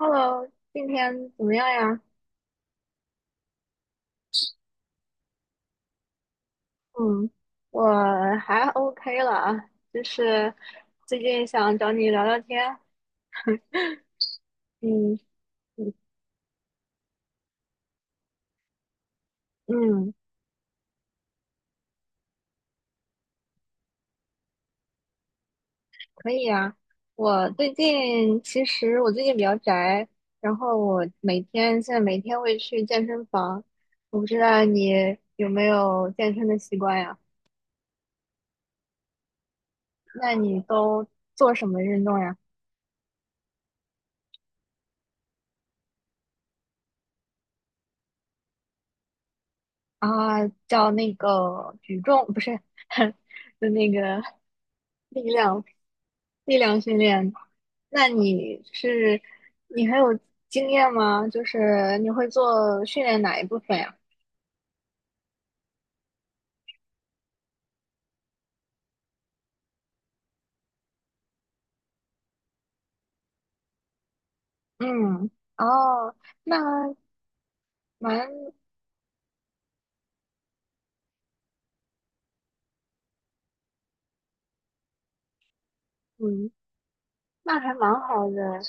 Hello，今天怎么样呀？嗯，我还 OK 了啊，就是最近想找你聊聊天。嗯嗯，嗯，可以啊。我最近其实我最近比较宅，然后我现在每天会去健身房。我不知道你有没有健身的习惯呀？那你都做什么运动呀？啊，叫那个举重，不是，就那个力量。力量训练，那你还有经验吗？就是你会做训练哪一部分呀？嗯，哦，那蛮嗯，那还蛮好的。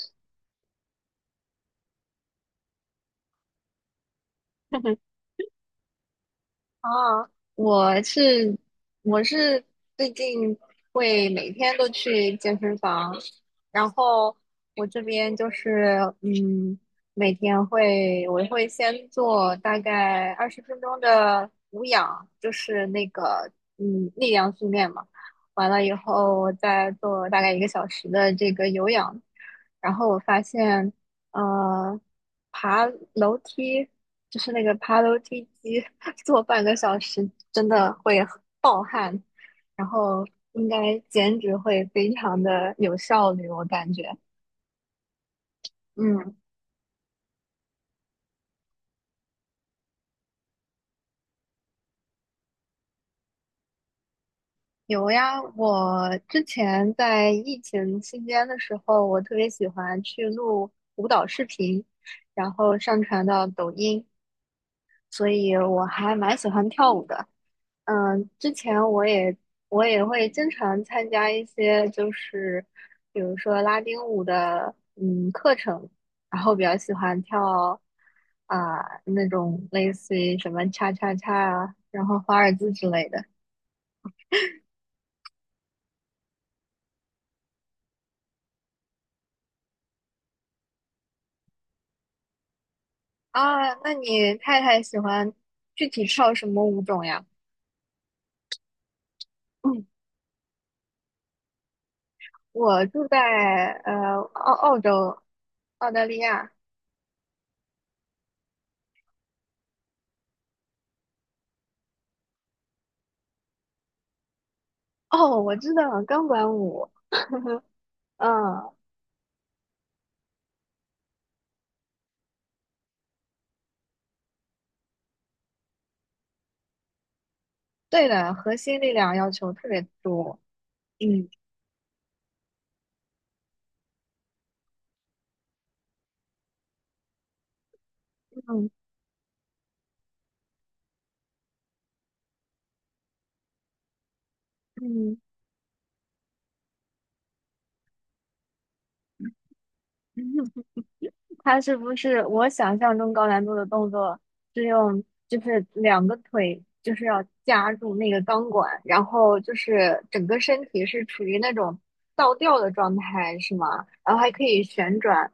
啊，我是我是最近会每天都去健身房，然后我这边就是每天会我会先做大概20分钟的无氧，就是那个力量训练嘛，完了以后我再做大概1个小时的这个有氧，然后我发现呃爬楼梯。就是那个爬楼梯机 做半个小时，真的会暴汗，然后应该减脂会非常的有效率，我感觉。嗯，有呀，我之前在疫情期间的时候，我特别喜欢去录舞蹈视频，然后上传到抖音，所以我还蛮喜欢跳舞的。嗯，之前我也会经常参加一些，就是比如说拉丁舞的课程，然后比较喜欢跳啊、那种类似于什么 cha cha cha 啊，然后华尔兹之类的啊。那你太太喜欢具体跳什么舞种呀？嗯，我住在呃澳澳洲澳大利亚。哦，我知道钢管舞。嗯，对的，核心力量要求特别多。嗯嗯嗯，他是不是我想象中高难度的动作是用就是2个腿就是要夹住那个钢管，然后就是整个身体是处于那种倒吊的状态，是吗？然后还可以旋转。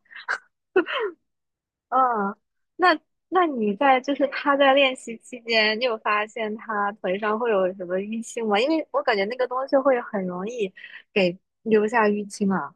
嗯，那那你在就是他在练习期间，你有发现他腿上会有什么淤青吗？因为我感觉那个东西会很容易给留下淤青啊。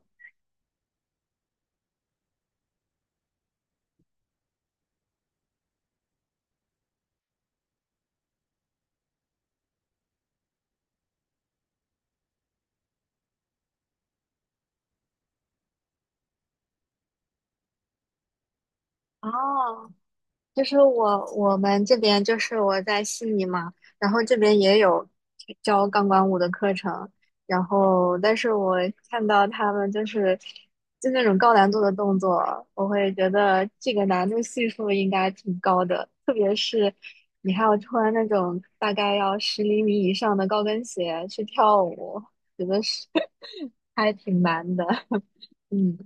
哦，就是我们这边就是我在悉尼嘛，然后这边也有教钢管舞的课程，然后但是我看到他们就那种高难度的动作，我会觉得这个难度系数应该挺高的，特别是你还要穿那种大概要10厘米以上的高跟鞋去跳舞，觉得是 还挺难的，嗯。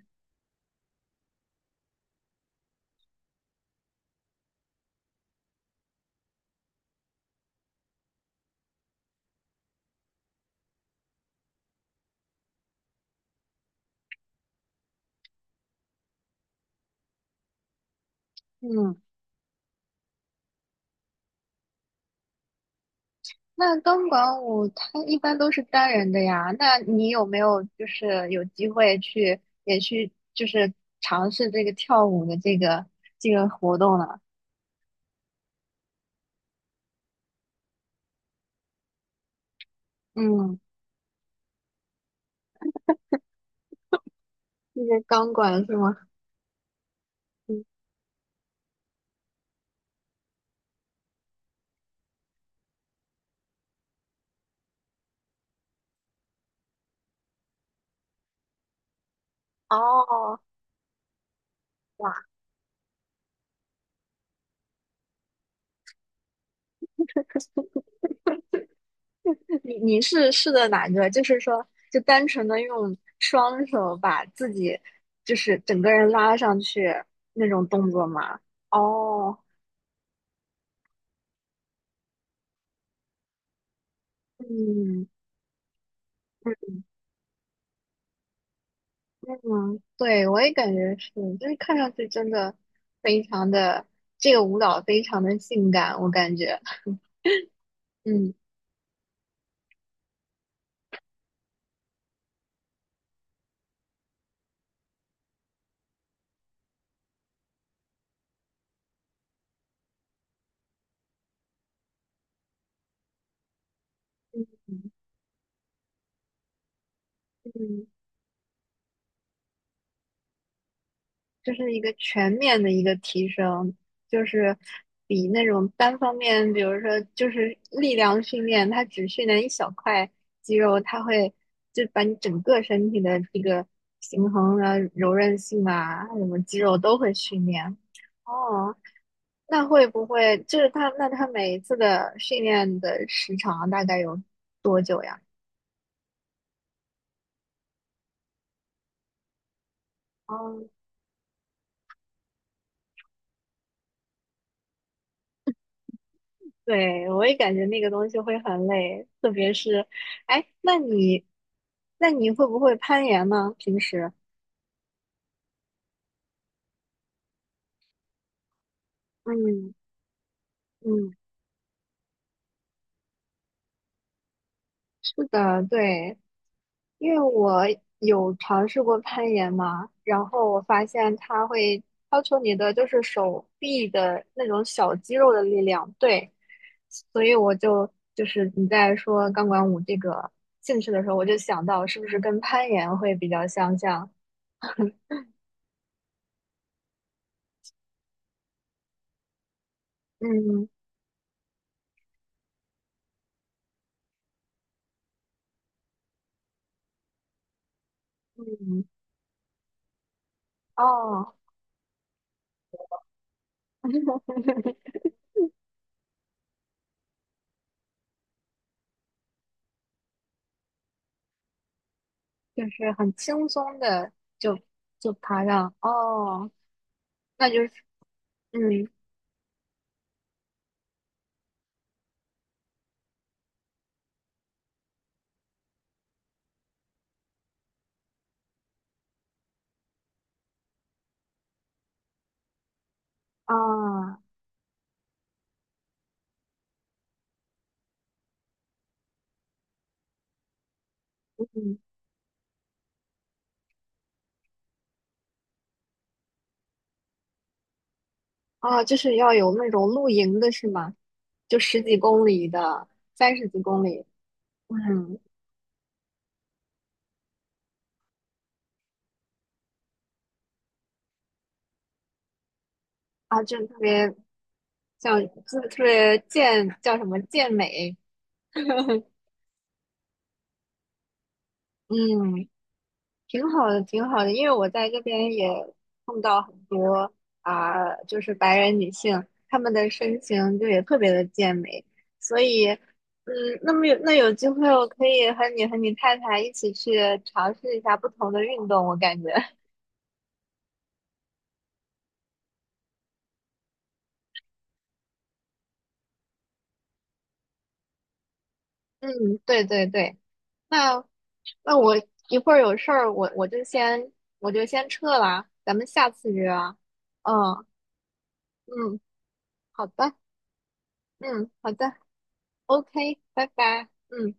嗯，那钢管舞它一般都是单人的呀，那你有没有就是有机会去也去就是尝试这个跳舞的这个活动呢？嗯，那个钢管是吗？嗯，哦，哇，你是试的哪个？就是说，就单纯的用双手把自己，就是整个人拉上去那种动作吗？哦，嗯嗯，嗯，对，我也感觉是，就是看上去真的非常的，这个舞蹈非常的性感，我感觉，嗯嗯，就是一个全面的一个提升，就是比那种单方面，比如说就是力量训练，它只训练一小块肌肉，它会就把你整个身体的这个平衡啊、柔韧性啊，什么肌肉都会训练。哦，那会不会就是他？那他每一次的训练的时长啊大概有多久呀？哦，对，我也感觉那个东西会很累，特别是，哎，那你，会不会攀岩呢？平时？嗯嗯，是的，对。因为我有尝试过攀岩嘛，然后我发现它会要求你的就是手臂的那种小肌肉的力量，对，所以我就是你在说钢管舞这个兴趣的时候，我就想到是不是跟攀岩会比较相像？嗯嗯，哦，就是很轻松的就就爬上，哦，那就是嗯啊。嗯。啊，就是要有那种露营的是吗？就十几公里的，三十几公里，嗯，啊，就特别像，就特别健，叫什么健美，嗯，挺好的，挺好的，因为我在这边也碰到很多啊、就是白人女性，她们的身形就也特别的健美，所以，嗯，那有机会，我可以和你太太一起去尝试一下不同的运动，我感觉。嗯，对对对，那那我一会儿有事儿，我就先撤了，咱们下次约啊。嗯嗯，好的，嗯好的，OK，拜拜，嗯。